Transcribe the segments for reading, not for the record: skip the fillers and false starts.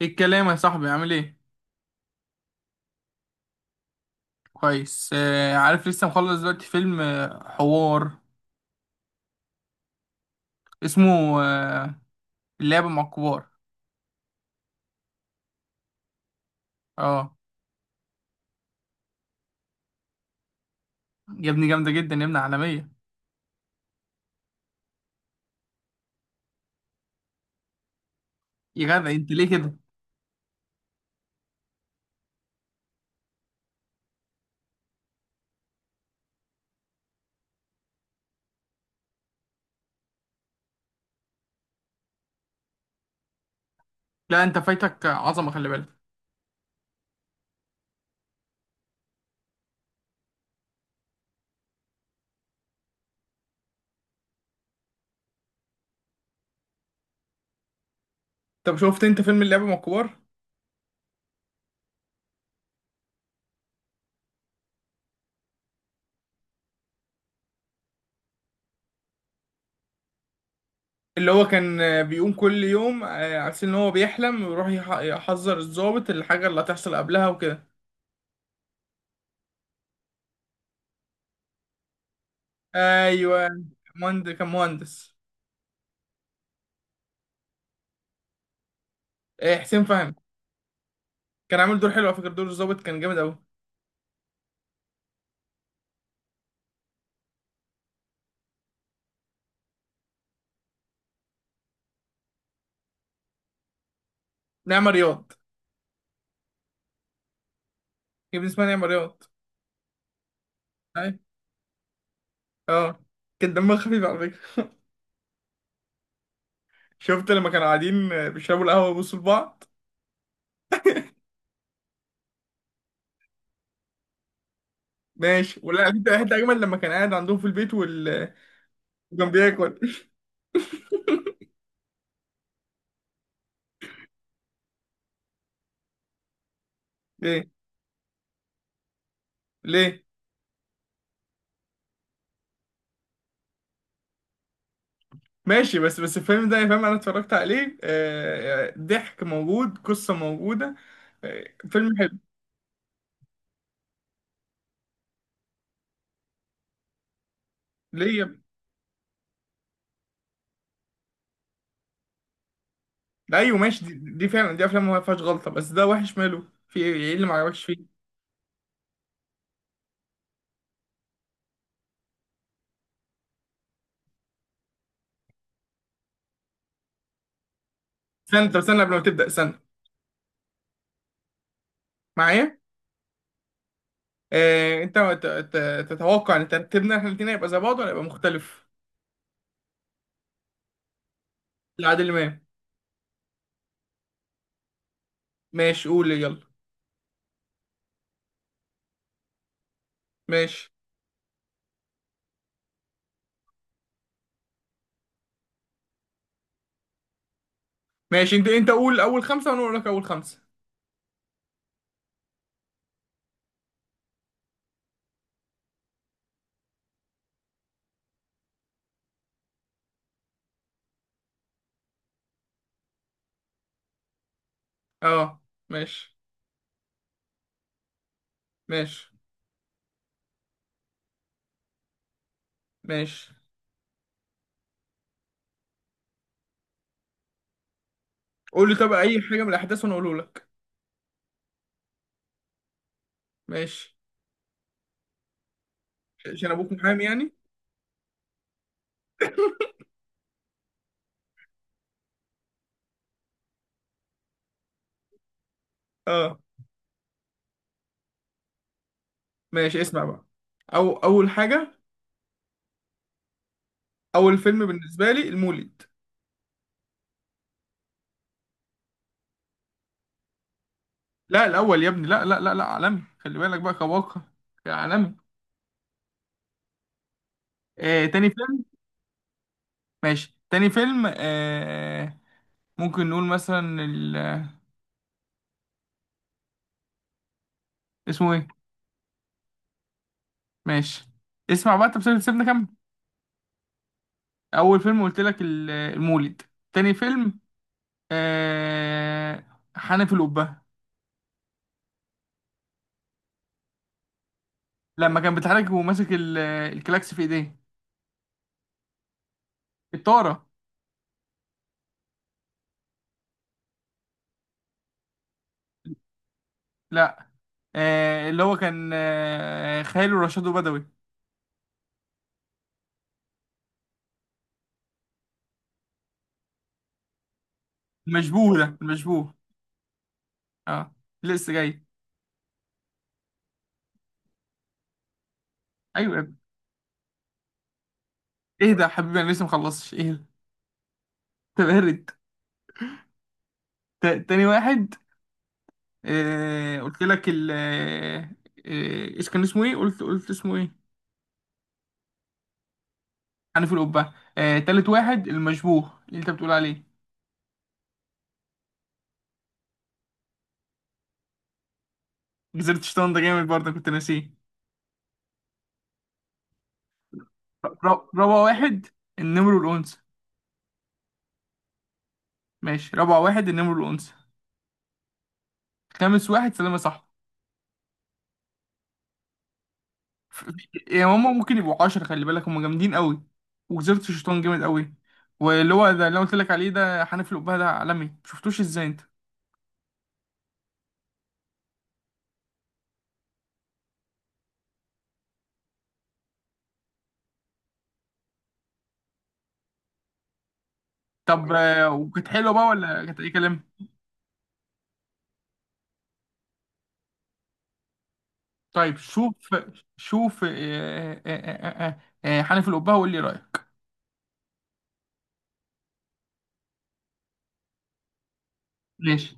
ايه الكلام يا صاحبي، عامل ايه؟ كويس. عارف، لسه مخلص دلوقتي فيلم، حوار. اسمه اللعبة مع الكبار. اه، يا ابني جامدة جدا، يا ابني عالمية. يا جدع، انت ليه كده؟ لا، انت فايتك عظمة، خلي بالك. طب شفت انت فيلم اللعبة مع الكبار؟ اللي هو كان بيقوم كل يوم، على أساس ان هو بيحلم ويروح يحذر الضابط الحاجة اللي هتحصل قبلها وكده. ايوه. مهندس، كان مهندس. حسين فهمي. كان عامل دور حلو على فكرة، دور الضابط كان جامد قوي. نعمة رياض. يا ابني اسمها نعمة رياض. أي. أه. كان دمها خفيف على فكرة. شفت لما كانوا قاعدين بيشربوا القهوة ويبصوا لبعض؟ ماشي، ولا في حتة أجمل لما كان قاعد عندهم في البيت وكان بياكل؟ ليه؟ ليه؟ ماشي، بس الفيلم ده يا فاهم، أنا اتفرجت عليه، ضحك موجود، قصة موجودة، آه، فيلم حلو. ليه يا ابني؟ أيوه ماشي، دي فعلا دي أفلام ما فيهاش غلطة، بس ده وحش ماله؟ في إيه اللي ما عجبكش فيه؟ استنى، طب استنى قبل ما تبدأ، استنى معايا. أنت تتوقع إن ترتيبنا إحنا الاتنين هيبقى زي بعض ولا هيبقى مختلف؟ لعادل امام. ماشي، قول يلا. ماشي، ماشي، انت قول اول خمسه وانا اقول لك اول خمسه. اه. ماشي، ماشي، ماشي. قول لي طب اي حاجه من الاحداث وانا اقوله لك. ماشي، عشان ابوك محامي يعني. اه. ماشي، اسمع بقى. او اول حاجه، اول فيلم بالنسبه لي المولد. لا الاول يا ابني، لا لا لا لا، عالمي، خلي بالك بقى كواقع. يا عالمي. تاني فيلم. ماشي، تاني فيلم. ممكن نقول مثلا اسمه ايه؟ ماشي، اسمع بقى، انت سيبنا كمل. اول فيلم قلت لك المولد. تاني فيلم، حنف القبه. لما كان بيتحرك وماسك الكلاكس في ايديه، الطاره. لا. اللي هو كان خاله رشاد بدوي. المشبوه، ده المشبوه. اه، لسه جاي. ايوه يا ابني. اهدى يا حبيبي، انا لسه مخلصش، اهدى. انت بارد. تاني واحد. قلت لك ال آه، ايش كان اسمه ايه؟ قلت اسمه ايه؟ حنف القبه. تالت واحد المشبوه اللي انت بتقول عليه. جزيرة شيطان ده جامد برضه، كنت ناسيه. رابع واحد النمر والأنثى. ماشي، رابع واحد النمر والأنثى. خامس واحد سلامة، صح. ف- يا ماما، ممكن يبقوا عشرة، خلي بالك، هما جامدين قوي. وجزيرة الشيطان جامد قوي. واللي هو ده اللي أنا قلت لك عليه، ده حنفي الأبهة، ده عالمي. شفتوش ازاي انت؟ طب أيوة. وكانت حلوة بقى ولا كانت أي كلام؟ طيب شوف، شوف. حنفي الأبهة، وقول لي رأيك. ماشي.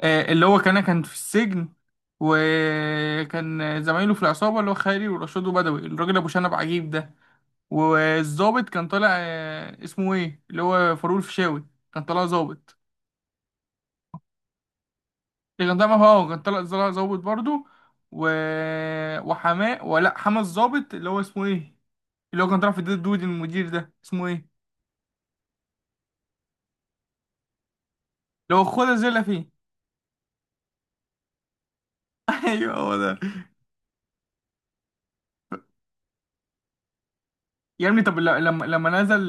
اللي هو كان في السجن، وكان زمايله في العصابة اللي هو خالي ورشاد وبدوي الراجل أبو شنب عجيب ده. والظابط كان طالع، اسمه إيه، اللي هو فاروق الفيشاوي. كان طالع ظابط. اللي كان طالع هو كان طالع ظابط برضه. و... وحماء ولا حماة الظابط اللي هو اسمه إيه؟ اللي هو كان طالع في الدود، المدير ده اسمه إيه؟ اللي هو خد زي فيه. ايوه، هو ده. يا ابني، طب لما نزل،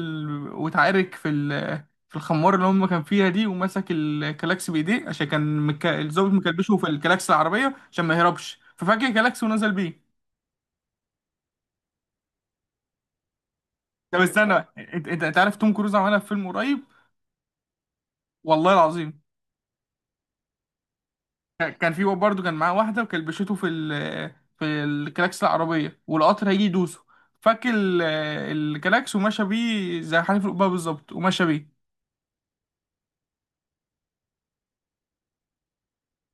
واتعارك في في الخمار اللي هم كان فيها دي، ومسك الكلاكس بايديه عشان كان الظابط مكلبشه في الكلاكس العربيه عشان ما يهربش، ففجأة الكلاكس ونزل بيه. طب استنى، انت انت أنت عارف توم كروز عملها في فيلم قريب؟ والله العظيم. كان في برضه، كان معاه واحده وكلبشته في في الكلاكس العربيه، والقطر هيجي يدوسه، فك الكلاكس ومشى بيه زي حنيف القبه بالظبط، ومشى بيه.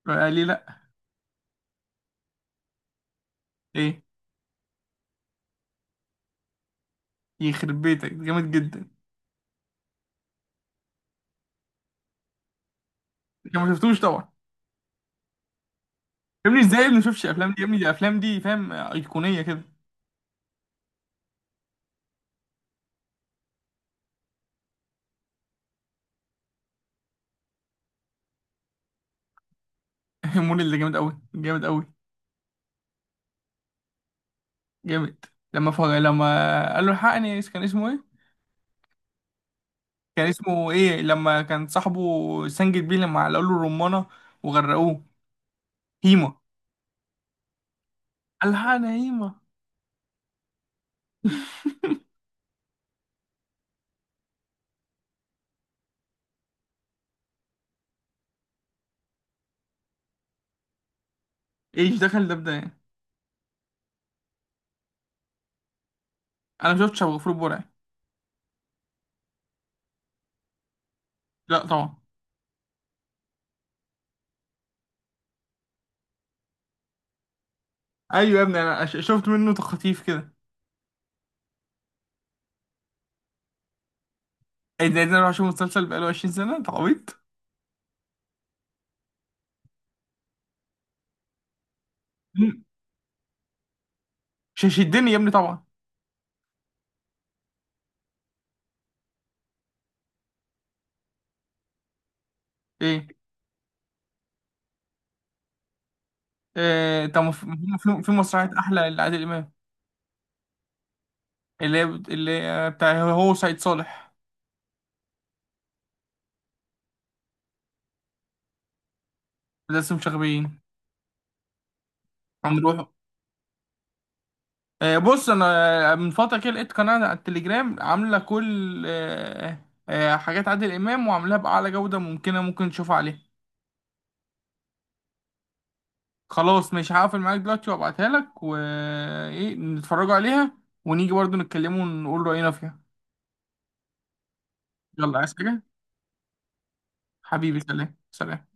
قال لي لا. ايه؟ يخرب بيتك، جامد جدا. انت ما شفتوش طبعا. يا ابني ازاي يا ابني ما شفتش الافلام دي؟ يا ابني دي الافلام دي، فاهم، ايقونيه كده. مول اللي جامد قوي جامد قوي جامد. لما قال له الحقني، كان اسمه ايه؟ كان اسمه ايه لما كان صاحبه، سنجد بيه لما قال له الرمانه وغرقوه؟ هيما. الحقني يا هيما. ايش دخل ده بده يعني؟ انا ما شفتش ابو غفور البرعي. لا طبعا. ايوه يا ابني، انا شفت منه تخطيف كده. ايه ده، إيه ده، انا اروح اشوف مسلسل بقاله 20 سنه؟ انت عبيط. مم. مش هيشدني يا ابني طبعا. ايه؟ طب ما في، في مسرحية أحلى لعادل إمام، اللي هي اللي بتاع هو سعيد صالح. لسه مش غبيين. هنروحوا. بص انا، من فتره كده لقيت قناه على التليجرام عامله كل حاجات عادل امام وعاملاها باعلى جوده ممكنه، ممكن تشوفها عليها. خلاص، مش هقفل معاك دلوقتي وابعتها لك وايه، نتفرجوا عليها ونيجي برضو نتكلموا ونقول راينا فيها. يلا، عايز حاجه؟ حبيبي، سلام سلام.